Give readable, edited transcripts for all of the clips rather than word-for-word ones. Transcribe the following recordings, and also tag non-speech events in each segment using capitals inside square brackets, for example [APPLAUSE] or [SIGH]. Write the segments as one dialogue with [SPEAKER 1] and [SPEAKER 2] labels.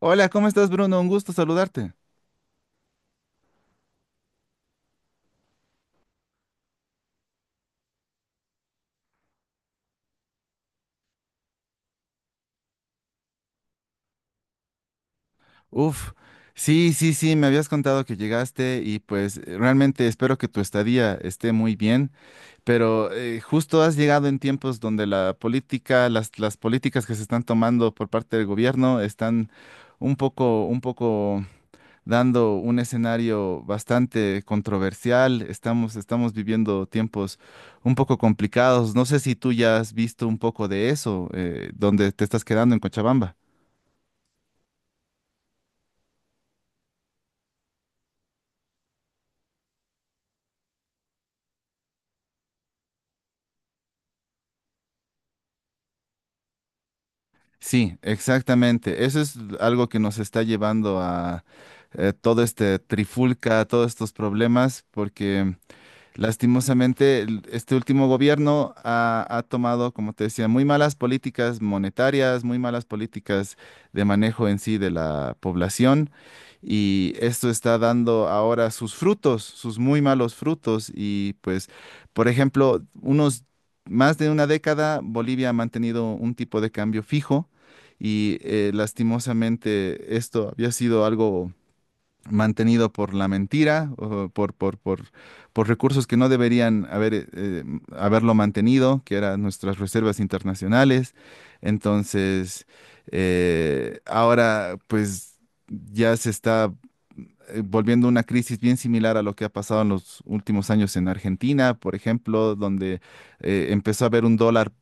[SPEAKER 1] Hola, ¿cómo estás, Bruno? Un gusto saludarte. Uf, sí, sí, sí, me habías contado que llegaste, y pues realmente espero que tu estadía esté muy bien, pero justo has llegado en tiempos donde la política, las políticas que se están tomando por parte del gobierno están un poco dando un escenario bastante controversial. Estamos viviendo tiempos un poco complicados. No sé si tú ya has visto un poco de eso, donde te estás quedando en Cochabamba. Sí, exactamente. Eso es algo que nos está llevando a todo este trifulca, todos estos problemas, porque lastimosamente, este último gobierno ha tomado, como te decía, muy malas políticas monetarias, muy malas políticas de manejo en sí de la población, y esto está dando ahora sus frutos, sus muy malos frutos. Y pues, por ejemplo, unos más de una década Bolivia ha mantenido un tipo de cambio fijo, y lastimosamente esto había sido algo mantenido por la mentira, o por recursos que no deberían haber, haberlo mantenido, que eran nuestras reservas internacionales. Entonces, ahora pues ya se está volviendo una crisis bien similar a lo que ha pasado en los últimos años en Argentina, por ejemplo, donde empezó a haber un dólar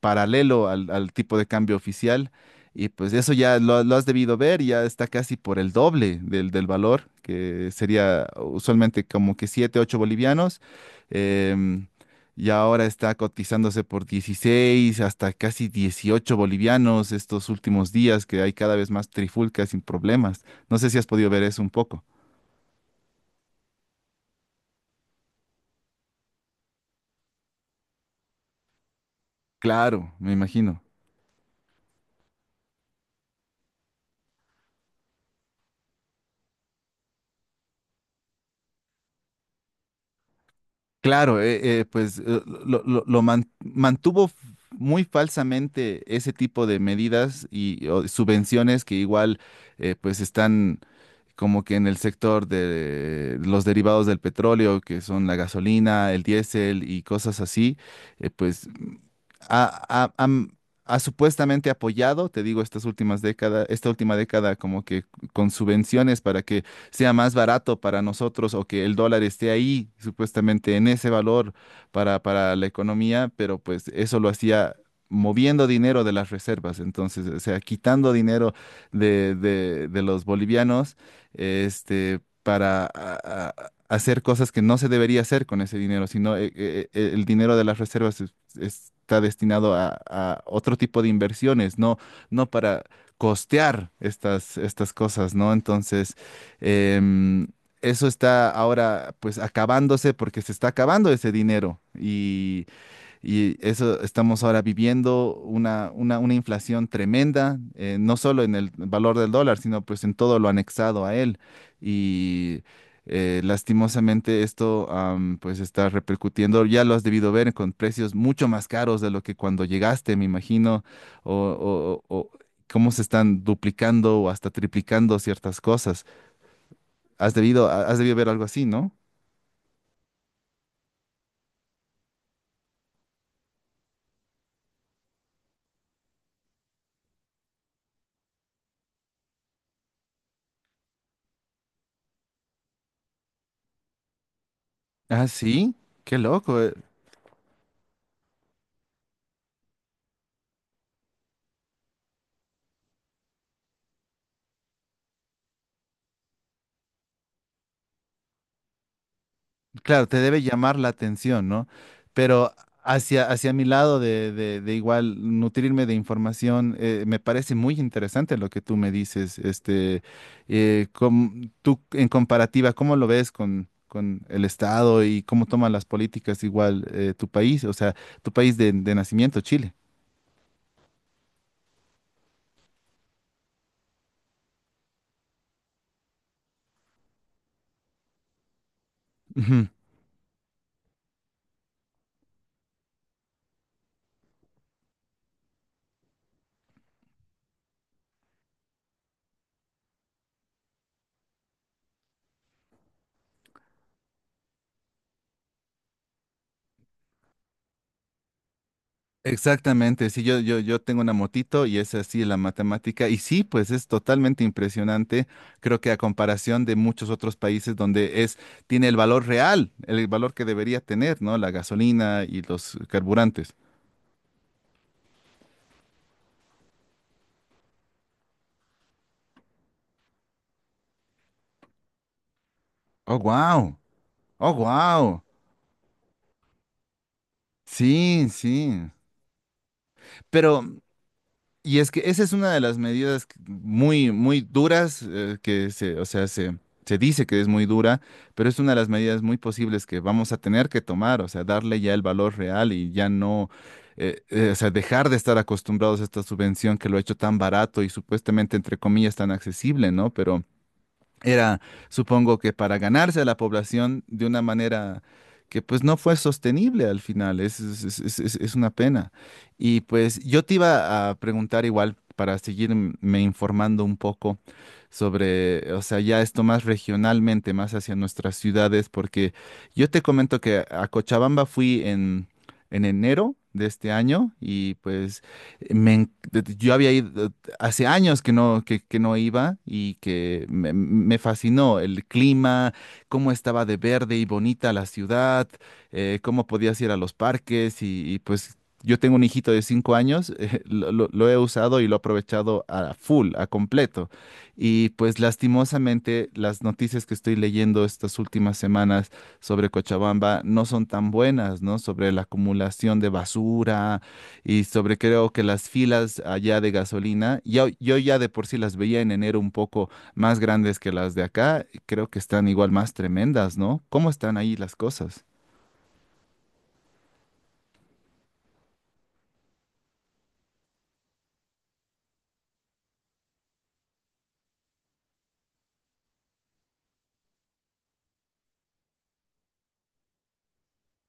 [SPEAKER 1] paralelo al tipo de cambio oficial. Y pues eso ya lo has debido ver, ya está casi por el doble del valor, que sería usualmente como que 7 8 bolivianos. em, y ahora está cotizándose por 16 hasta casi 18 bolivianos estos últimos días, que hay cada vez más trifulcas sin problemas. No sé si has podido ver eso un poco. Claro, me imagino. Claro, pues mantuvo muy falsamente ese tipo de medidas, y o subvenciones que igual pues están como que en el sector de los derivados del petróleo, que son la gasolina, el diésel y cosas así. Pues ha, ha- am- ha supuestamente apoyado, te digo, estas últimas décadas, esta última década, como que con subvenciones para que sea más barato para nosotros, o que el dólar esté ahí, supuestamente en ese valor, para la economía, pero pues eso lo hacía moviendo dinero de las reservas, entonces, o sea, quitando dinero de los bolivianos, este, para, hacer cosas que no se debería hacer con ese dinero, sino el dinero de las reservas está destinado a otro tipo de inversiones, no, no para costear estas cosas, ¿no? Entonces, em, eso está ahora pues acabándose porque se está acabando ese dinero, y eso estamos ahora viviendo una inflación tremenda, no solo en el valor del dólar, sino pues en todo lo anexado a él. Y lastimosamente esto, pues está repercutiendo, ya lo has debido ver con precios mucho más caros de lo que cuando llegaste, me imagino, o, o- o- cómo se están duplicando o hasta triplicando ciertas cosas. Has debido ver algo así, ¿no? Ah, sí, qué loco. Claro, te debe llamar la atención, ¿no? Pero hacia mi lado de igual nutrirme de información, me parece muy interesante lo que tú me dices, este, tú en comparativa, ¿cómo lo ves con el Estado y cómo toman las políticas igual tu país? O sea, tu país de nacimiento, ¿Chile? Ujú. Exactamente, sí, yo tengo una motito y es así la matemática. Y sí, pues es totalmente impresionante. Creo que a comparación de muchos otros países donde es, tiene el valor real, el valor que debería tener, ¿no? La gasolina y los carburantes. Oh, wow. Oh, wow. Sí, sí. Pero, y es que esa es una de las medidas muy, muy duras, que o sea, se dice que es muy dura, pero es una de las medidas muy posibles que vamos a tener que tomar, o sea, darle ya el valor real y ya no, o sea, dejar de estar acostumbrados a esta subvención que lo ha hecho tan barato y supuestamente, entre comillas, tan accesible, ¿no? Pero era, supongo que para ganarse a la población de una manera que pues no fue sostenible al final, es una pena. Y pues yo te iba a preguntar igual, para seguirme informando un poco sobre, o sea, ya esto más regionalmente, más hacia nuestras ciudades, porque yo te comento que a Cochabamba fui en enero de este año, y pues me, en- yo había ido, hace años que no iba, y que me fascinó el clima, cómo estaba de verde y bonita la ciudad, cómo podías ir a los parques, pues yo tengo un hijito de 5 años. [LAUGHS] Lo he usado y lo he aprovechado a full, a completo. Y pues lastimosamente las noticias que estoy leyendo estas últimas semanas sobre Cochabamba no son tan buenas, ¿no? Sobre la acumulación de basura, y sobre creo que las filas allá de gasolina, yo ya de por sí las veía en enero un poco más grandes que las de acá, y creo que están igual más tremendas, ¿no? ¿Cómo están ahí las cosas?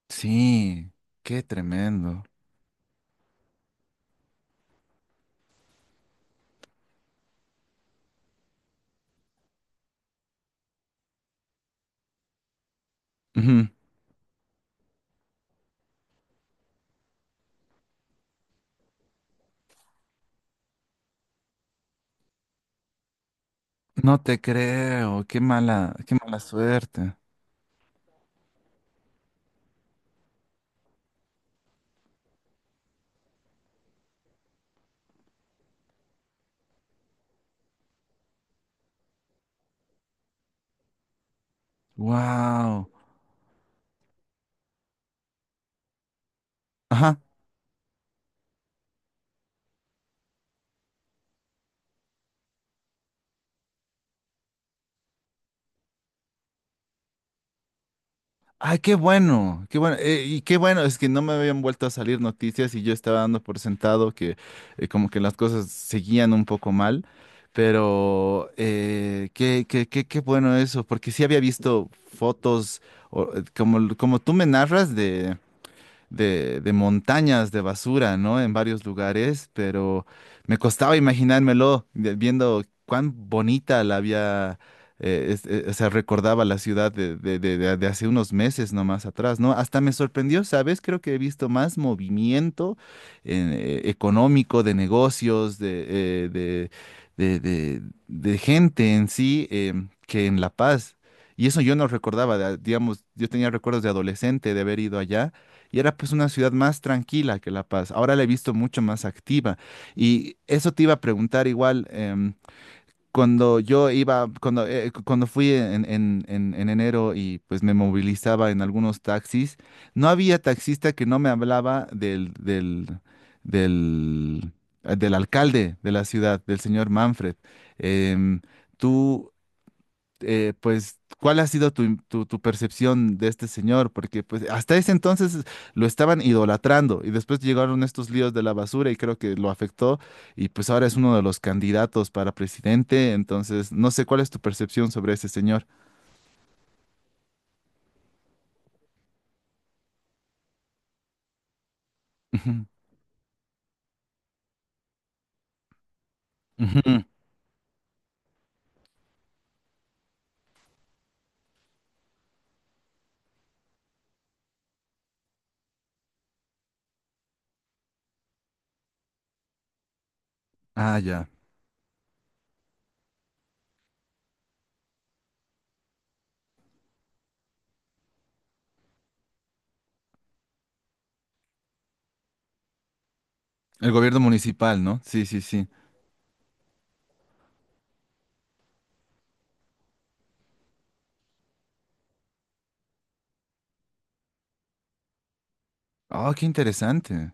[SPEAKER 1] Sí, qué tremendo. Ujú. No te creo, qué mala suerte. Wow. Ajá. Ay, qué bueno, y qué bueno. Es que no me habían vuelto a salir noticias y yo estaba dando por sentado que como que las cosas seguían un poco mal, pero qué bueno eso, porque sí había visto fotos, o, como tú me narras de montañas de basura, ¿no? En varios lugares, pero me costaba imaginármelo, viendo cuán bonita la había, o sea, recordaba la ciudad de hace unos meses nomás atrás, ¿no? Hasta me sorprendió, ¿sabes? Creo que he visto más movimiento económico, de negocios, de, eh, de, de, de- de gente en sí, que en La Paz. Y eso yo no recordaba, digamos, yo tenía recuerdos de adolescente de haber ido allá, y era pues una ciudad más tranquila que La Paz. Ahora la he visto mucho más activa. Y eso te iba a preguntar igual, cuando yo iba, cuando, cuando fui en enero, y pues me movilizaba en algunos taxis, no había taxista que no me hablaba del, del alcalde de la ciudad, del señor Manfred. Em, tú pues, ¿cuál ha sido tu percepción de este señor? Porque pues hasta ese entonces lo estaban idolatrando, y después llegaron estos líos de la basura, y creo que lo afectó, y pues ahora es uno de los candidatos para presidente, entonces no sé cuál es tu percepción sobre ese señor. Ujú, ujú. Ah, ya. El gobierno municipal, ¿no? Sí, sí, sí. Oh, qué interesante.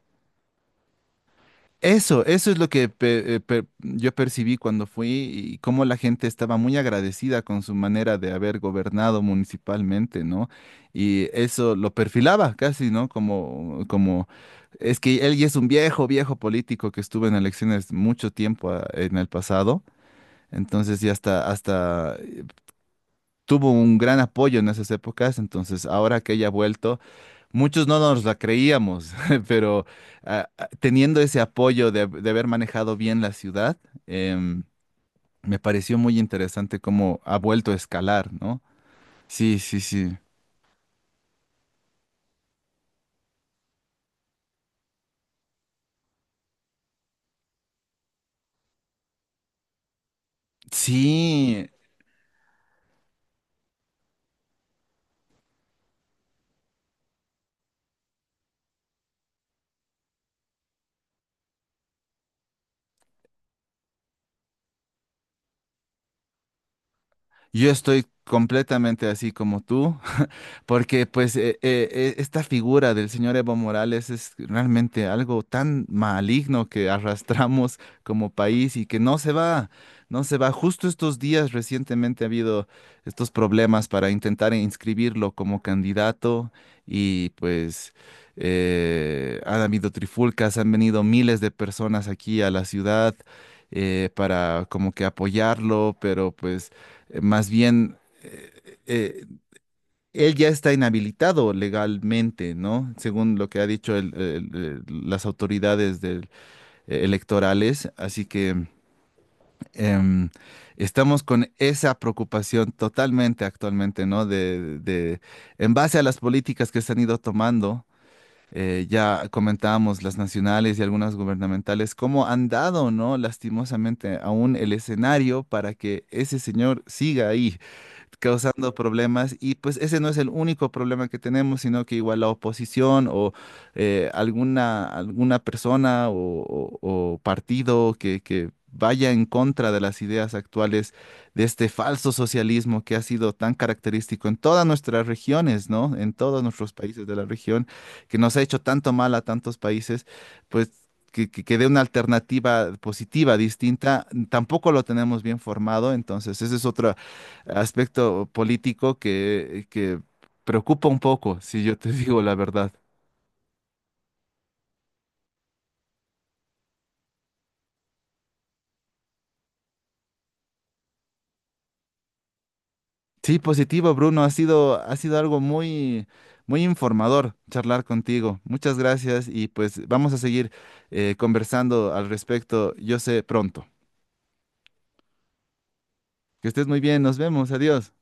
[SPEAKER 1] Eso es lo que yo percibí cuando fui, y cómo la gente estaba muy agradecida con su manera de haber gobernado municipalmente, ¿no? Y eso lo perfilaba casi, ¿no? Es que él ya es un viejo, viejo político que estuvo en elecciones mucho tiempo en el pasado, entonces ya hasta tuvo un gran apoyo en esas épocas, entonces ahora que haya vuelto, muchos no nos la creíamos, [LAUGHS] pero teniendo ese apoyo de haber manejado bien la ciudad, em, me pareció muy interesante cómo ha vuelto a escalar, ¿no? Sí, sí, sí. Sí, yo estoy completamente así como tú. [LAUGHS] Porque pues esta figura del señor Evo Morales es realmente algo tan maligno que arrastramos como país y que no se va, no se va. Justo estos días recientemente ha habido estos problemas para intentar inscribirlo como candidato, y pues han habido trifulcas, han venido miles de personas aquí a la ciudad para como que apoyarlo, pero pues más bien eh, eh, él ya está inhabilitado legalmente, ¿no? Según lo que ha dicho las autoridades electorales. Así que em, estamos con esa preocupación totalmente actualmente, ¿no? En base a las políticas que se han ido tomando. Ya comentábamos las nacionales y algunas gubernamentales, cómo han dado, ¿no? Lastimosamente aún el escenario para que ese señor siga ahí causando problemas, y pues ese no es el único problema que tenemos, sino que igual la oposición o alguna persona o- o partido que vaya en contra de las ideas actuales de este falso socialismo que ha sido tan característico en todas nuestras regiones, ¿no? En todos nuestros países de la región, que nos ha hecho tanto mal a tantos países, pues, que dé una alternativa positiva, distinta, tampoco lo tenemos bien formado. Entonces esa es otra, aspecto político que preocupa un poco, si yo te [LAUGHS] digo la verdad. Sí, positivo, Bruno, ha sido algo muy, muy informador charlar contigo. Muchas gracias, y pues vamos a seguir conversando al respecto, yo sé, pronto. Que estés muy bien, nos vemos, adiós.